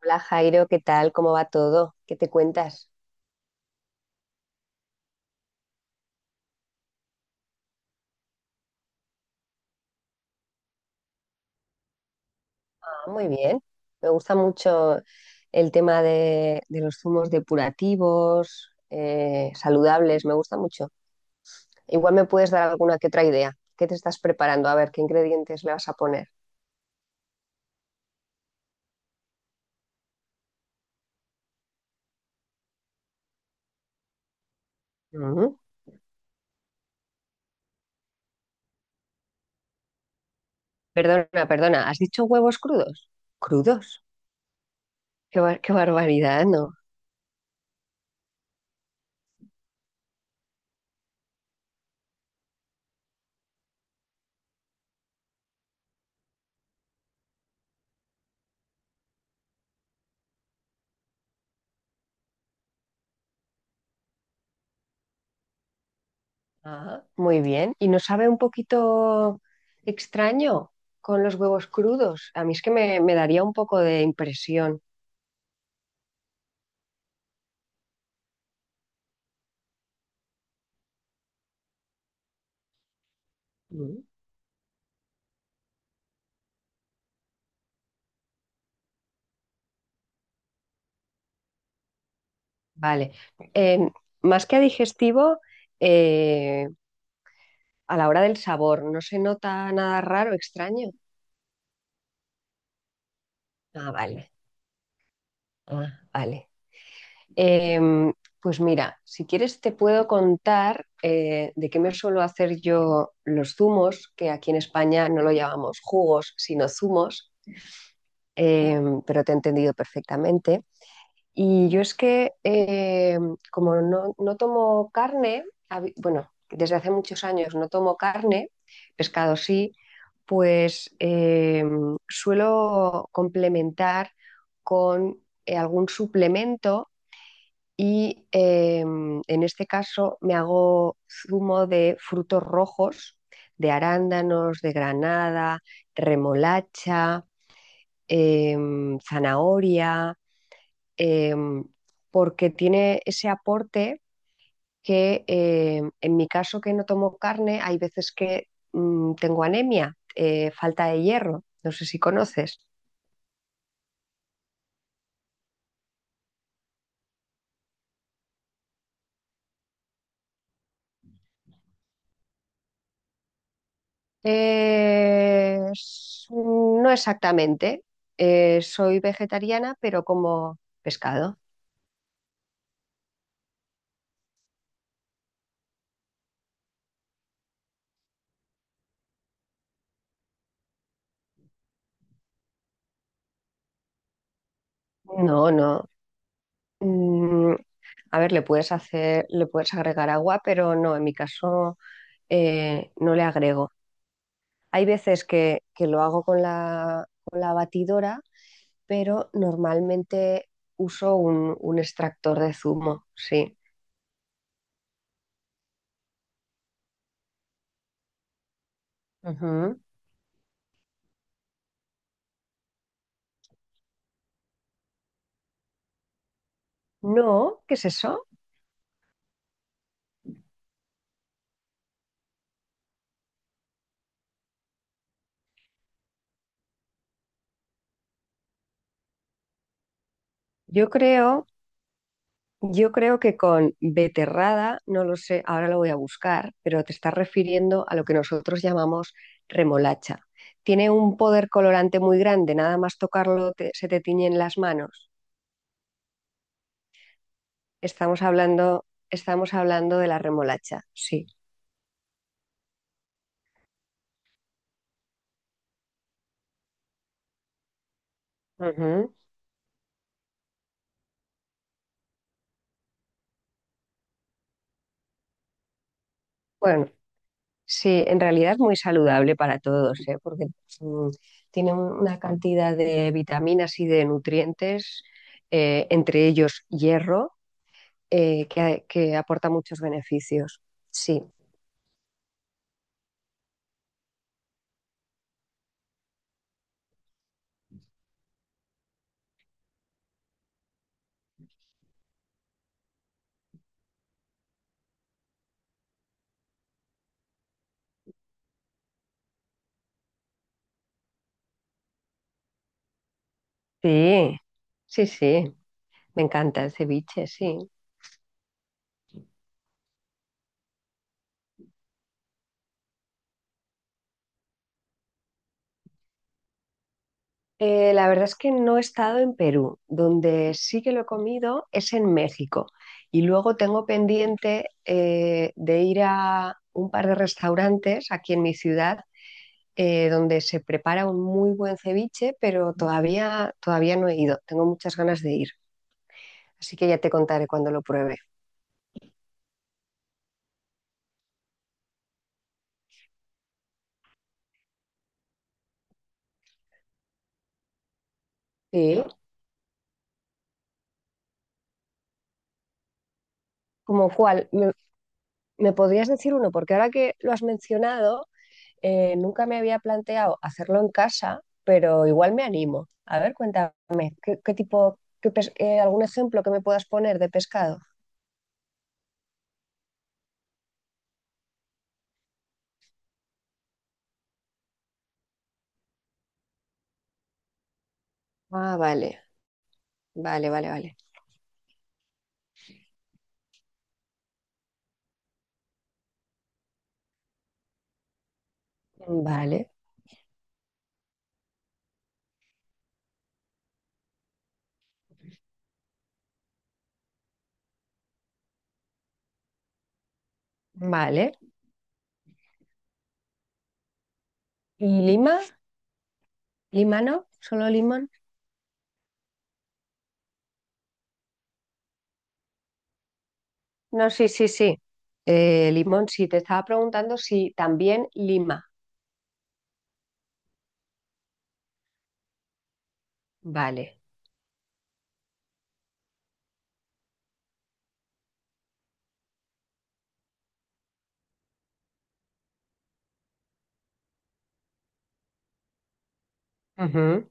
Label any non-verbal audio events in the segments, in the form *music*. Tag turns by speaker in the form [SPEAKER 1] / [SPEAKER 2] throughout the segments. [SPEAKER 1] Hola Jairo, ¿qué tal? ¿Cómo va todo? ¿Qué te cuentas? Ah, muy bien. Me gusta mucho el tema de los zumos depurativos, saludables, me gusta mucho. Igual me puedes dar alguna que otra idea. ¿Qué te estás preparando? A ver, ¿qué ingredientes le vas a poner? Ujú. Perdona, ¿has dicho huevos crudos? ¿Crudos? Qué barbaridad, ¿no? Ah, muy bien. ¿Y no sabe un poquito extraño con los huevos crudos? A mí es que me daría un poco de impresión. Mm. Vale. Em, Más que a digestivo, eh, a la hora del sabor, ¿no se nota nada raro, extraño? Ah, vale. Ah, vale. Em, pues mira, si quieres te puedo contar de qué me suelo hacer yo los zumos, que aquí en España no lo llamamos jugos, sino zumos, pero te he entendido perfectamente. Y yo es que, como no tomo carne, bueno, desde hace muchos años no tomo carne, pescado sí, pues suelo complementar con algún suplemento y en este caso me hago zumo de frutos rojos, de arándanos, de granada, remolacha, zanahoria, em, porque tiene ese aporte que, en mi caso que no tomo carne, hay veces que, tengo anemia, falta de hierro, no sé si conoces. No exactamente. Soy vegetariana, pero como pescado. No, no. Mm, a ver, le puedes hacer, le puedes agregar agua, pero no, en mi caso no le agrego. Hay veces que lo hago con la batidora, pero normalmente uso un extractor de zumo, sí. Ujú. No, ¿qué es eso? Yo creo, yo creo que con beterrada, no lo sé, ahora lo voy a buscar, pero te estás refiriendo a lo que nosotros llamamos remolacha. Tiene un poder colorante muy grande, nada más tocarlo se te tiñen las manos. Estamos hablando de la remolacha, sí. Ujú. Bueno, sí, en realidad es muy saludable para todos, ¿eh? Porque, mm, tiene una cantidad de vitaminas y de nutrientes, entre ellos hierro, que aporta muchos beneficios. Sí, sí, sí, sí, me encanta el ceviche, sí. La verdad es que no he estado en Perú, donde sí que lo he comido es en México. Y luego tengo pendiente de ir a un par de restaurantes aquí en mi ciudad donde se prepara un muy buen ceviche, pero todavía no he ido. Tengo muchas ganas de ir. Así que ya te contaré cuando lo pruebe. Sí. ¿Como cuál? ¿Me podrías decir uno? Porque ahora que lo has mencionado, nunca me había planteado hacerlo en casa, pero igual me animo. A ver, cuéntame, ¿qué algún ejemplo que me puedas poner de pescado? Ah, vale, vale, vale, vale. Vale, vale. ¿Y Lima? ¿Lima no? ¿Solo Lima? No, sí, sí, sí. Limón, sí, te estaba preguntando si también Lima. Vale. Ujú,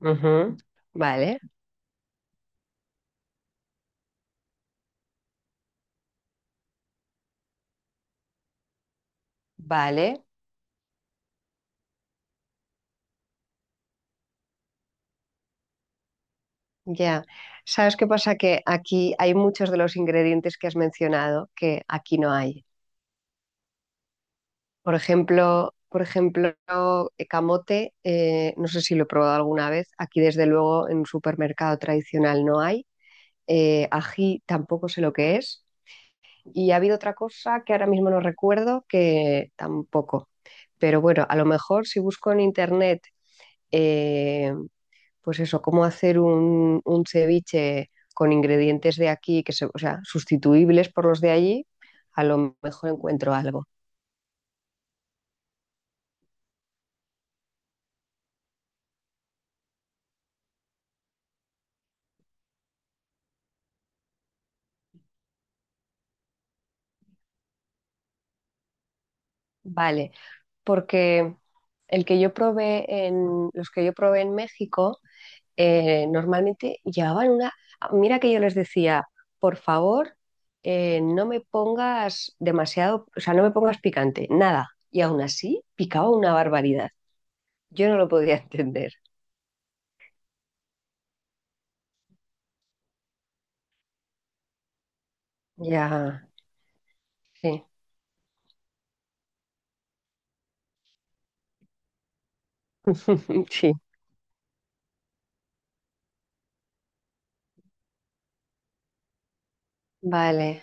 [SPEAKER 1] ujú. Vale, vale. Ya. ¿Sabes qué pasa? Que aquí hay muchos de los ingredientes que has mencionado que aquí no hay. Por ejemplo, camote, no sé si lo he probado alguna vez. Aquí, desde luego, en un supermercado tradicional no hay. Ají tampoco sé lo que es. Y ha habido otra cosa que ahora mismo no recuerdo que tampoco. Pero bueno, a lo mejor si busco en internet, eh, pues eso, cómo hacer un ceviche con ingredientes de aquí, o sea, sustituibles por los de allí, a lo mejor encuentro algo. Vale, porque el que yo probé en, los que yo probé en México normalmente llevaban una... Mira que yo les decía, por favor, no me pongas demasiado, o sea, no me pongas picante, nada. Y aún así, picaba una barbaridad. Yo no lo podía *laughs* entender. Ya, sí, *laughs* sí. Vale.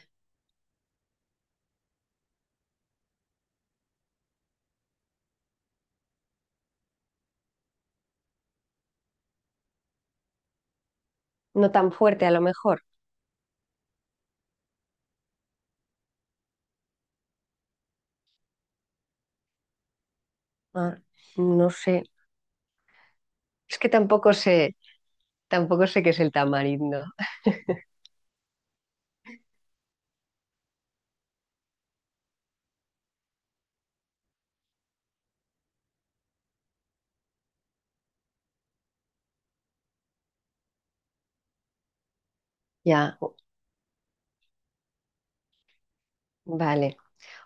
[SPEAKER 1] No tan fuerte a lo mejor. Ah, no sé. Es que tampoco sé, tampoco sé qué es el tamarindo. Ya, vale.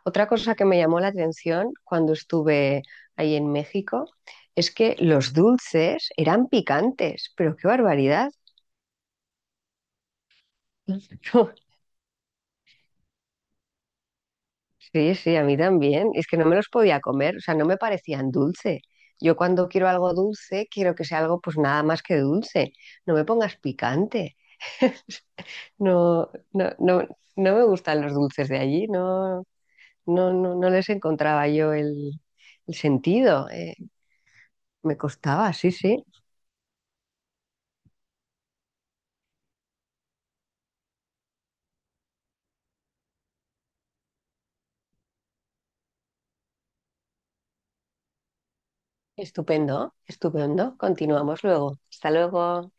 [SPEAKER 1] Otra cosa que me llamó la atención cuando estuve ahí en México es que los dulces eran picantes, pero qué barbaridad. *laughs* Sí, sí, a mí también. Es que no me los podía comer, o sea, no me parecían dulce. Yo cuando quiero algo dulce, quiero que sea algo pues nada más que dulce. No me pongas picante. *laughs* No, no, no, no me gustan los dulces de allí, no, no, no, no les encontraba yo el sentido. Me costaba, sí, sí. Estupendo, estupendo. Continuamos luego. Hasta luego.